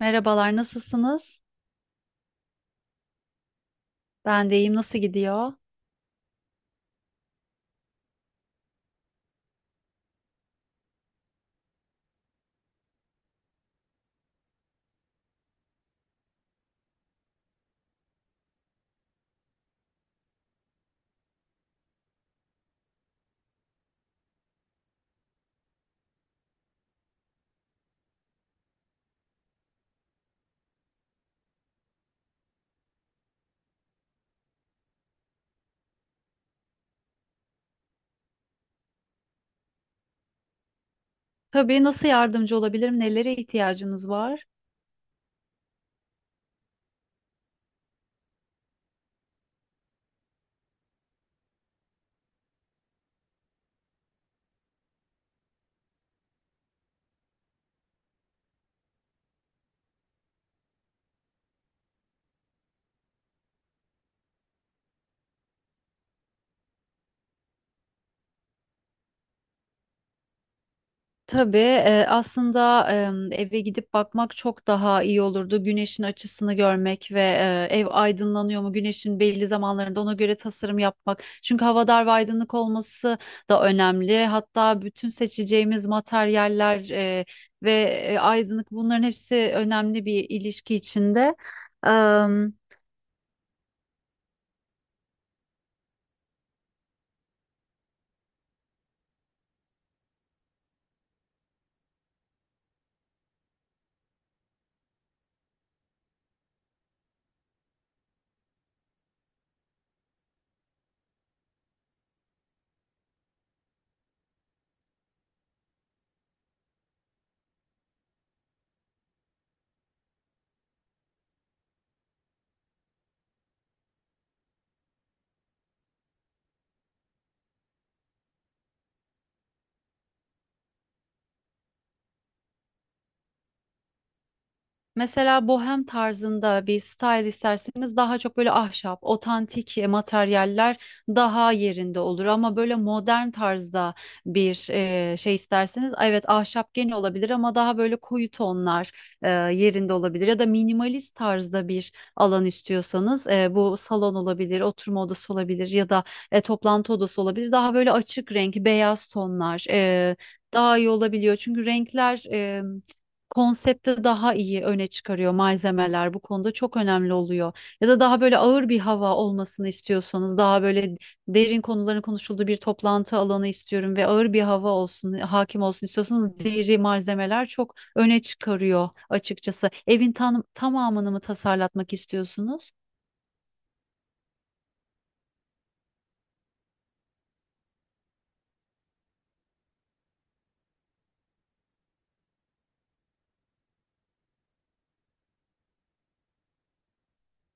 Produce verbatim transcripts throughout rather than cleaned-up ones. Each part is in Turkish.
Merhabalar, nasılsınız? Ben de iyiyim, nasıl gidiyor? Tabii, nasıl yardımcı olabilirim? Nelere ihtiyacınız var? Tabii, e, aslında e, eve gidip bakmak çok daha iyi olurdu. Güneşin açısını görmek ve e, ev aydınlanıyor mu? Güneşin belli zamanlarında ona göre tasarım yapmak. Çünkü hava dar ve aydınlık olması da önemli. Hatta bütün seçeceğimiz materyaller e, ve e, aydınlık bunların hepsi önemli bir ilişki içinde. Mesela bohem tarzında bir style isterseniz daha çok böyle ahşap, otantik e, materyaller daha yerinde olur. Ama böyle modern tarzda bir e, şey isterseniz evet ahşap gene olabilir ama daha böyle koyu tonlar e, yerinde olabilir. Ya da minimalist tarzda bir alan istiyorsanız e, bu salon olabilir, oturma odası olabilir ya da e, toplantı odası olabilir. Daha böyle açık renk, beyaz tonlar e, daha iyi olabiliyor. Çünkü renkler... E, Konsepti daha iyi öne çıkarıyor, malzemeler bu konuda çok önemli oluyor. Ya da daha böyle ağır bir hava olmasını istiyorsanız, daha böyle derin konuların konuşulduğu bir toplantı alanı istiyorum ve ağır bir hava olsun, hakim olsun istiyorsanız, deri malzemeler çok öne çıkarıyor açıkçası. Evin tam, tamamını mı tasarlatmak istiyorsunuz?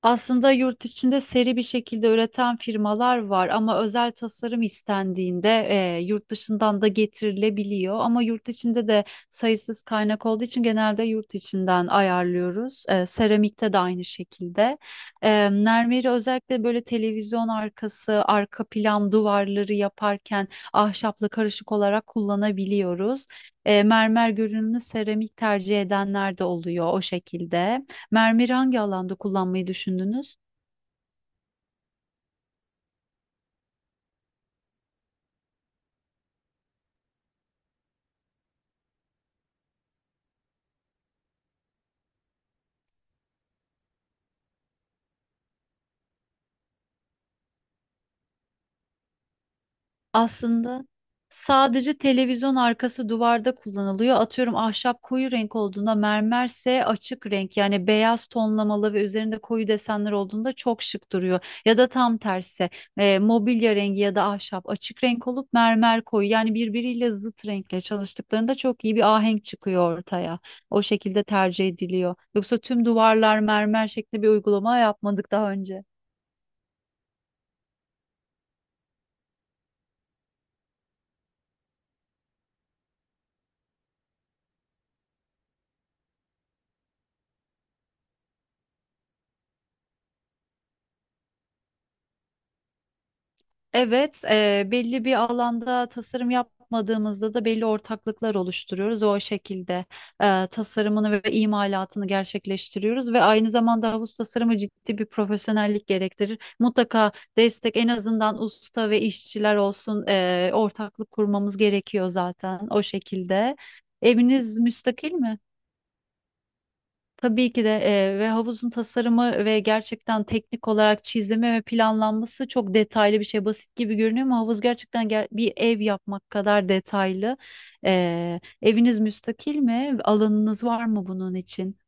Aslında yurt içinde seri bir şekilde üreten firmalar var ama özel tasarım istendiğinde e, yurt dışından da getirilebiliyor. Ama yurt içinde de sayısız kaynak olduğu için genelde yurt içinden ayarlıyoruz. E, seramikte de aynı şekilde. E, mermeri özellikle böyle televizyon arkası, arka plan duvarları yaparken ahşapla karışık olarak kullanabiliyoruz. E, mermer görünümlü seramik tercih edenler de oluyor o şekilde. Mermeri hangi alanda kullanmayı düşündünüz? Aslında sadece televizyon arkası duvarda kullanılıyor. Atıyorum, ahşap koyu renk olduğunda mermerse açık renk, yani beyaz tonlamalı ve üzerinde koyu desenler olduğunda çok şık duruyor. Ya da tam tersi, e, mobilya rengi ya da ahşap açık renk olup mermer koyu, yani birbiriyle zıt renkle çalıştıklarında çok iyi bir ahenk çıkıyor ortaya. O şekilde tercih ediliyor. Yoksa tüm duvarlar mermer şeklinde bir uygulama yapmadık daha önce. Evet, e, belli bir alanda tasarım yapmadığımızda da belli ortaklıklar oluşturuyoruz. O şekilde e, tasarımını ve imalatını gerçekleştiriyoruz ve aynı zamanda havuz tasarımı ciddi bir profesyonellik gerektirir. Mutlaka destek, en azından usta ve işçiler olsun, e, ortaklık kurmamız gerekiyor zaten o şekilde. Eviniz müstakil mi? Tabii ki de e, ve havuzun tasarımı ve gerçekten teknik olarak çizimi ve planlanması çok detaylı bir şey. Basit gibi görünüyor ama havuz gerçekten ger- bir ev yapmak kadar detaylı. E, eviniz müstakil mi? Alanınız var mı bunun için?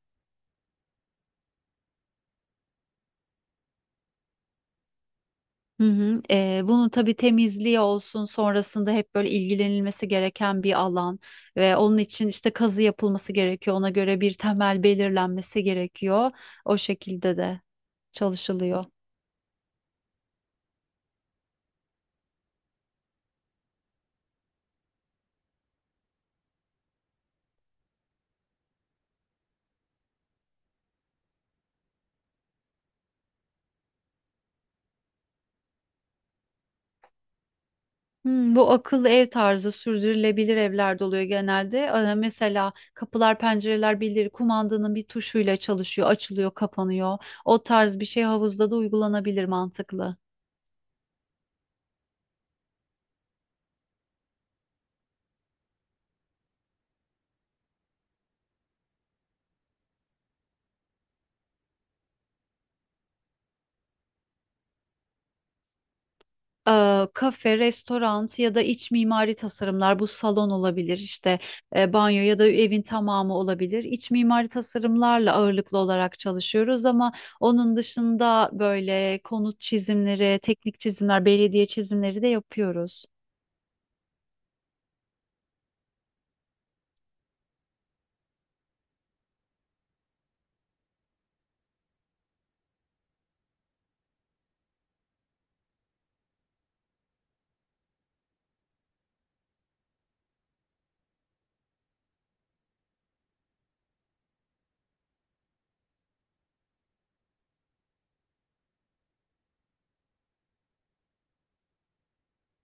Hı hı. E, bunun tabii temizliği olsun, sonrasında hep böyle ilgilenilmesi gereken bir alan ve onun için işte kazı yapılması gerekiyor. Ona göre bir temel belirlenmesi gerekiyor. O şekilde de çalışılıyor. Hmm, bu akıllı ev tarzı sürdürülebilir evlerde oluyor genelde. Ee, Mesela kapılar, pencereler birileri kumandanın bir tuşuyla çalışıyor, açılıyor, kapanıyor. O tarz bir şey havuzda da uygulanabilir, mantıklı. Ee, kafe, restoran ya da iç mimari tasarımlar, bu salon olabilir işte, e, banyo ya da evin tamamı olabilir. İç mimari tasarımlarla ağırlıklı olarak çalışıyoruz ama onun dışında böyle konut çizimleri, teknik çizimler, belediye çizimleri de yapıyoruz.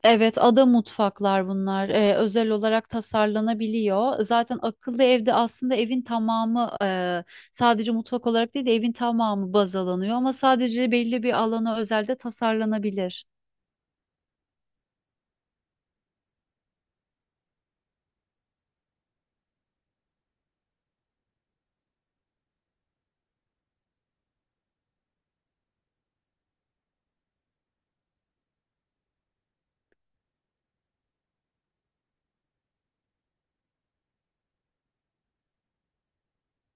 Evet, ada mutfaklar bunlar. Ee, özel olarak tasarlanabiliyor. Zaten akıllı evde aslında evin tamamı, e, sadece mutfak olarak değil de evin tamamı baz alınıyor ama sadece belli bir alana özel de tasarlanabilir.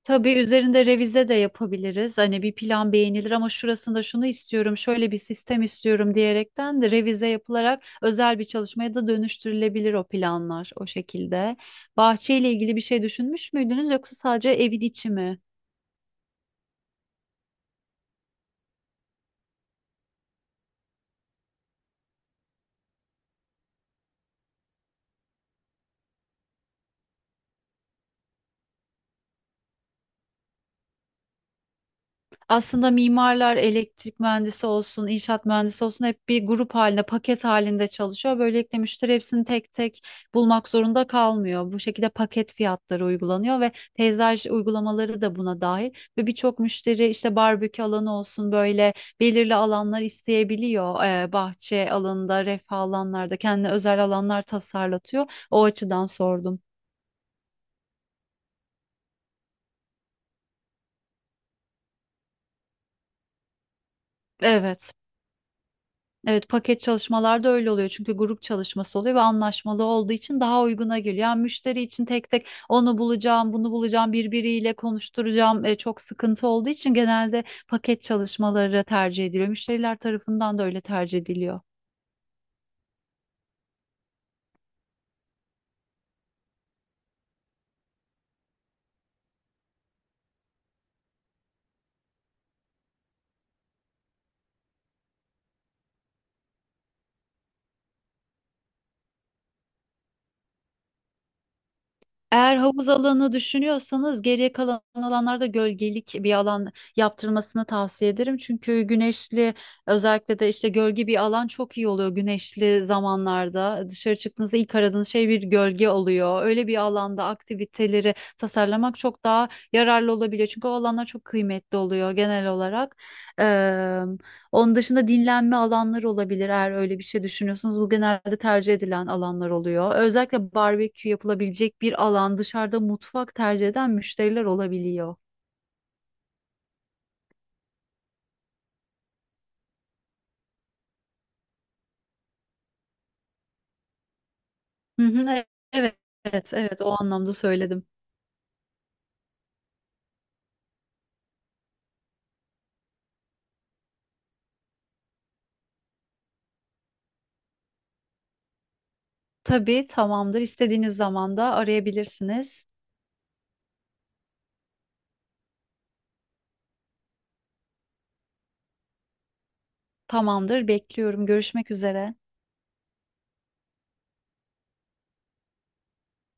Tabii üzerinde revize de yapabiliriz. Hani bir plan beğenilir ama şurasında şunu istiyorum, şöyle bir sistem istiyorum diyerekten de revize yapılarak özel bir çalışmaya da dönüştürülebilir o planlar o şekilde. Bahçeyle ilgili bir şey düşünmüş müydünüz yoksa sadece evin içi mi? Aslında mimarlar, elektrik mühendisi olsun, inşaat mühendisi olsun, hep bir grup halinde, paket halinde çalışıyor. Böylelikle müşteri hepsini tek tek bulmak zorunda kalmıyor. Bu şekilde paket fiyatları uygulanıyor ve peyzaj uygulamaları da buna dahil. Ve birçok müşteri işte barbekü alanı olsun, böyle belirli alanlar isteyebiliyor. Eee, bahçe alanında, refah alanlarda kendine özel alanlar tasarlatıyor. O açıdan sordum. Evet. Evet, paket çalışmalarda öyle oluyor çünkü grup çalışması oluyor ve anlaşmalı olduğu için daha uyguna geliyor. Yani müşteri için tek tek onu bulacağım, bunu bulacağım, birbiriyle konuşturacağım, e, çok sıkıntı olduğu için genelde paket çalışmaları tercih ediliyor. Müşteriler tarafından da öyle tercih ediliyor. Eğer havuz alanı düşünüyorsanız, geriye kalan alanlarda gölgelik bir alan yaptırmasını tavsiye ederim. Çünkü güneşli, özellikle de işte gölge bir alan çok iyi oluyor güneşli zamanlarda. Dışarı çıktığınızda ilk aradığınız şey bir gölge oluyor. Öyle bir alanda aktiviteleri tasarlamak çok daha yararlı olabiliyor. Çünkü o alanlar çok kıymetli oluyor genel olarak. Onun dışında dinlenme alanları olabilir eğer öyle bir şey düşünüyorsanız. Bu genelde tercih edilen alanlar oluyor. Özellikle barbekü yapılabilecek bir alan, dışarıda mutfak tercih eden müşteriler olabiliyor. Hı hı, e- evet, evet, evet, o anlamda söyledim. Tabii tamamdır. İstediğiniz zaman da arayabilirsiniz. Tamamdır, bekliyorum. Görüşmek üzere.